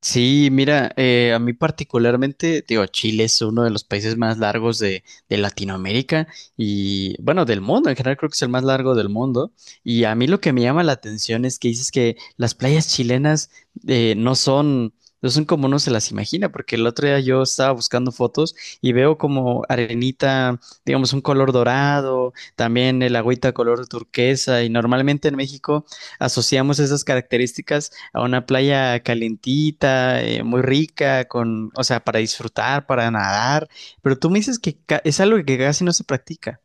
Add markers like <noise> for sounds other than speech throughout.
Sí, mira, a mí particularmente, digo, Chile es uno de los países más largos de Latinoamérica y, bueno, del mundo, en general creo que es el más largo del mundo. Y a mí lo que me llama la atención es que dices que las playas chilenas no no son como uno se las imagina, porque el otro día yo estaba buscando fotos y veo como arenita, digamos, un color dorado, también el agüita color turquesa y normalmente en México asociamos esas características a una playa calentita, muy rica, con, o sea, para disfrutar, para nadar, pero tú me dices que es algo que casi no se practica.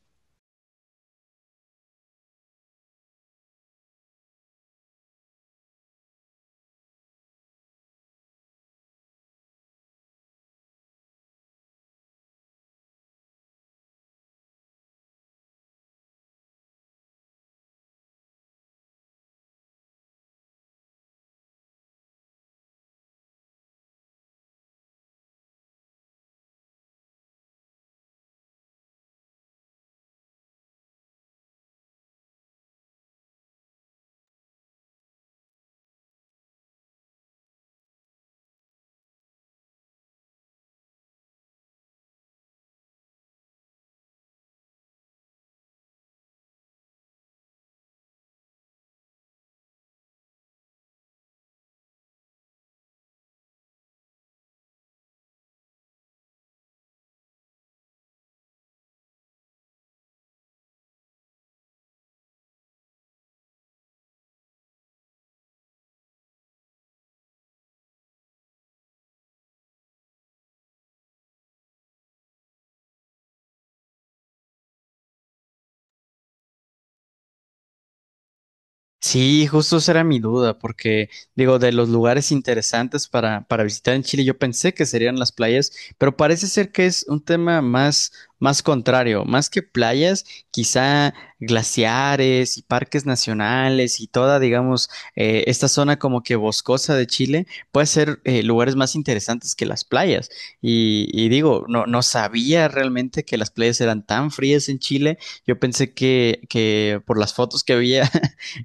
Sí, justo esa era mi duda, porque digo, de los lugares interesantes para visitar en Chile, yo pensé que serían las playas, pero parece ser que es un tema más contrario, más que playas, quizá glaciares y parques nacionales y toda, digamos, esta zona como que boscosa de Chile puede ser lugares más interesantes que las playas. Y digo, no sabía realmente que las playas eran tan frías en Chile. Yo pensé que por las fotos que había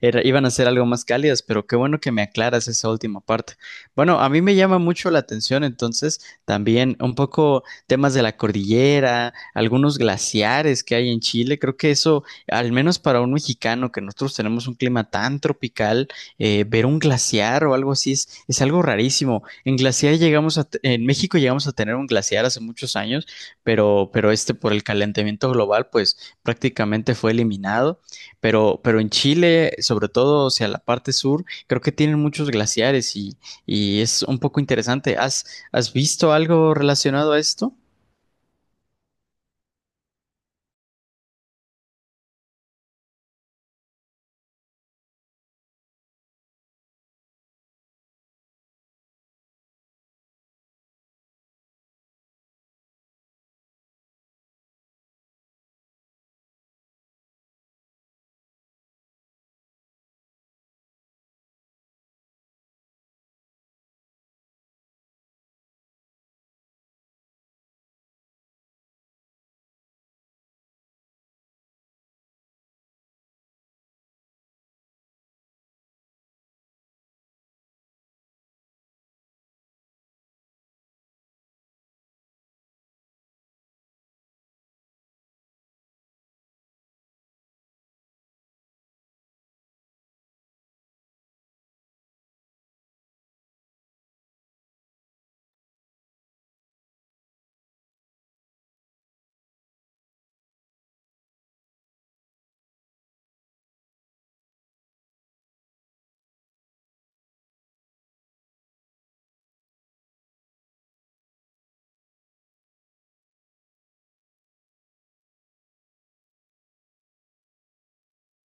iban a ser algo más cálidas, pero qué bueno que me aclaras esa última parte. Bueno, a mí me llama mucho la atención entonces también un poco temas de la cordillera, algunos glaciares que hay en Chile. Creo que eso, al menos para un mexicano, que nosotros tenemos un clima tan tropical, ver un glaciar o algo así es algo rarísimo. En glaciar en México llegamos a tener un glaciar hace muchos años, pero este por el calentamiento global, pues prácticamente fue eliminado. Pero en Chile, sobre todo hacia la parte sur, creo que tienen muchos glaciares y es un poco interesante. ¿Has, has visto algo relacionado a esto?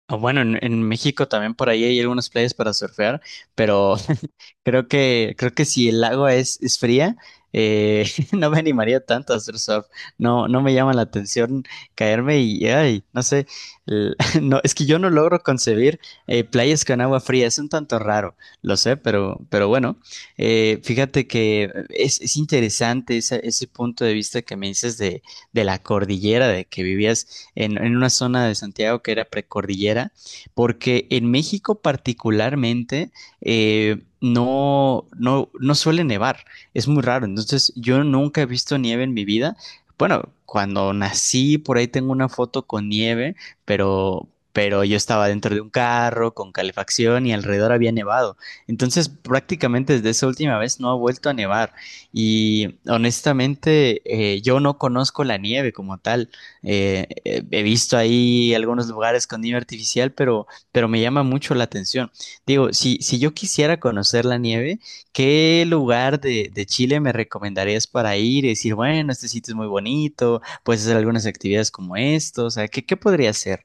Ah, bueno, en México también por ahí hay algunas playas para surfear, pero <laughs> Creo creo que si el agua es fría, eh, <laughs> no me animaría tanto a hacer surf. No me llama la atención caerme y, ay, no sé, l- <laughs> no, es que yo no logro concebir playas con agua fría. Es un tanto raro, lo sé, pero bueno, fíjate que es interesante ese punto de vista que me dices de la cordillera, de que vivías en una zona de Santiago que era precordillera, porque en México particularmente no suele nevar. Es muy raro. Entonces, yo nunca he visto nieve en mi vida. Bueno, cuando nací, por ahí tengo una foto con nieve, pero yo estaba dentro de un carro con calefacción y alrededor había nevado. Entonces, prácticamente desde esa última vez no ha vuelto a nevar. Y honestamente, yo no conozco la nieve como tal. He visto ahí algunos lugares con nieve artificial, pero me llama mucho la atención. Digo, si yo quisiera conocer la nieve, ¿qué lugar de Chile me recomendarías para ir y decir, bueno, este sitio es muy bonito, puedes hacer algunas actividades como esto? O sea, ¿qué, qué podría hacer?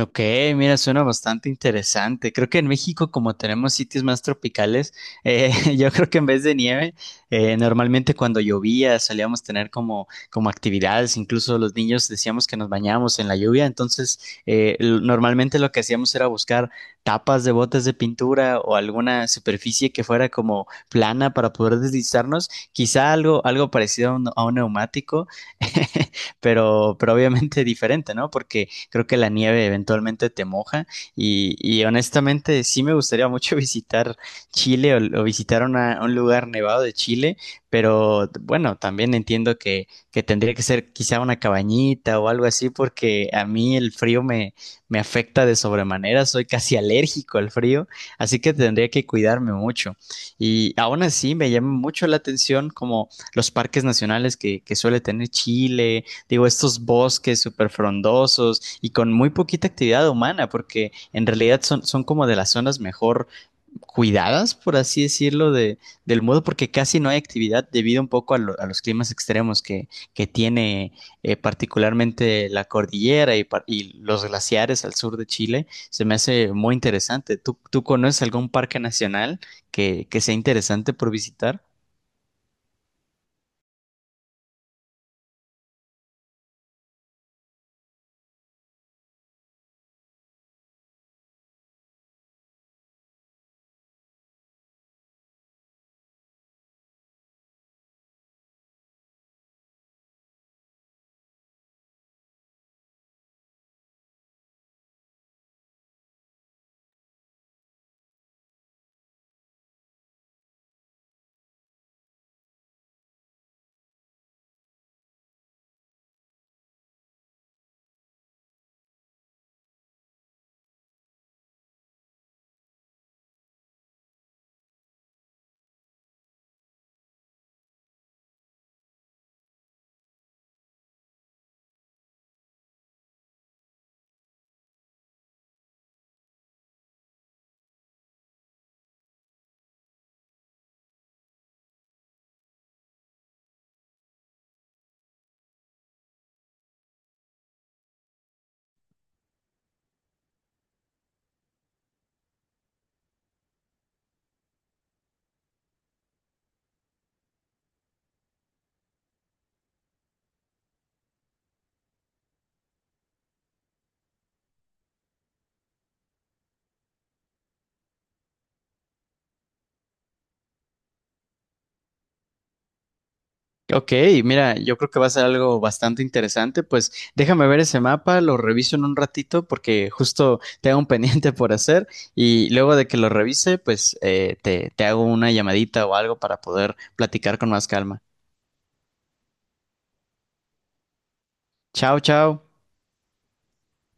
Ok, mira, suena bastante interesante. Creo que en México, como tenemos sitios más tropicales, eh, <laughs> yo creo que en vez de nieve, normalmente cuando llovía solíamos tener como actividades, incluso los niños decíamos que nos bañábamos en la lluvia, entonces normalmente lo que hacíamos era buscar tapas de botes de pintura o alguna superficie que fuera como plana para poder deslizarnos, quizá algo, algo parecido a un neumático, <laughs> pero obviamente <laughs> diferente, ¿no? Porque creo que la nieve eventualmente te moja y honestamente sí me gustaría mucho <laughs> visitar Chile o un lugar nevado de Chile, pero bueno, también entiendo que tendría que ser quizá una cabañita o algo así porque a mí el frío me afecta de sobremanera, soy casi <laughs> alérgico al frío, así que tendría que cuidarme mucho. Y aún así me llama mucho la atención como los parques nacionales que suele tener Chile, digo, estos bosques súper frondosos y con muy poquita actividad humana, porque en realidad son como de las zonas mejor cuidadas, por así decirlo, de, del mundo, porque casi no hay actividad debido un poco a los climas extremos que tiene particularmente la cordillera y, y los glaciares al sur de Chile. Se me hace muy interesante. ¿Tú, tú conoces algún parque nacional que sea interesante por visitar? Ok, mira, yo creo que va a ser algo bastante interesante. Pues déjame ver ese mapa, lo reviso en un ratito porque justo tengo un <laughs> pendiente por hacer y luego de que lo revise, pues te hago una llamadita o algo para poder platicar con más calma. Chao, chao.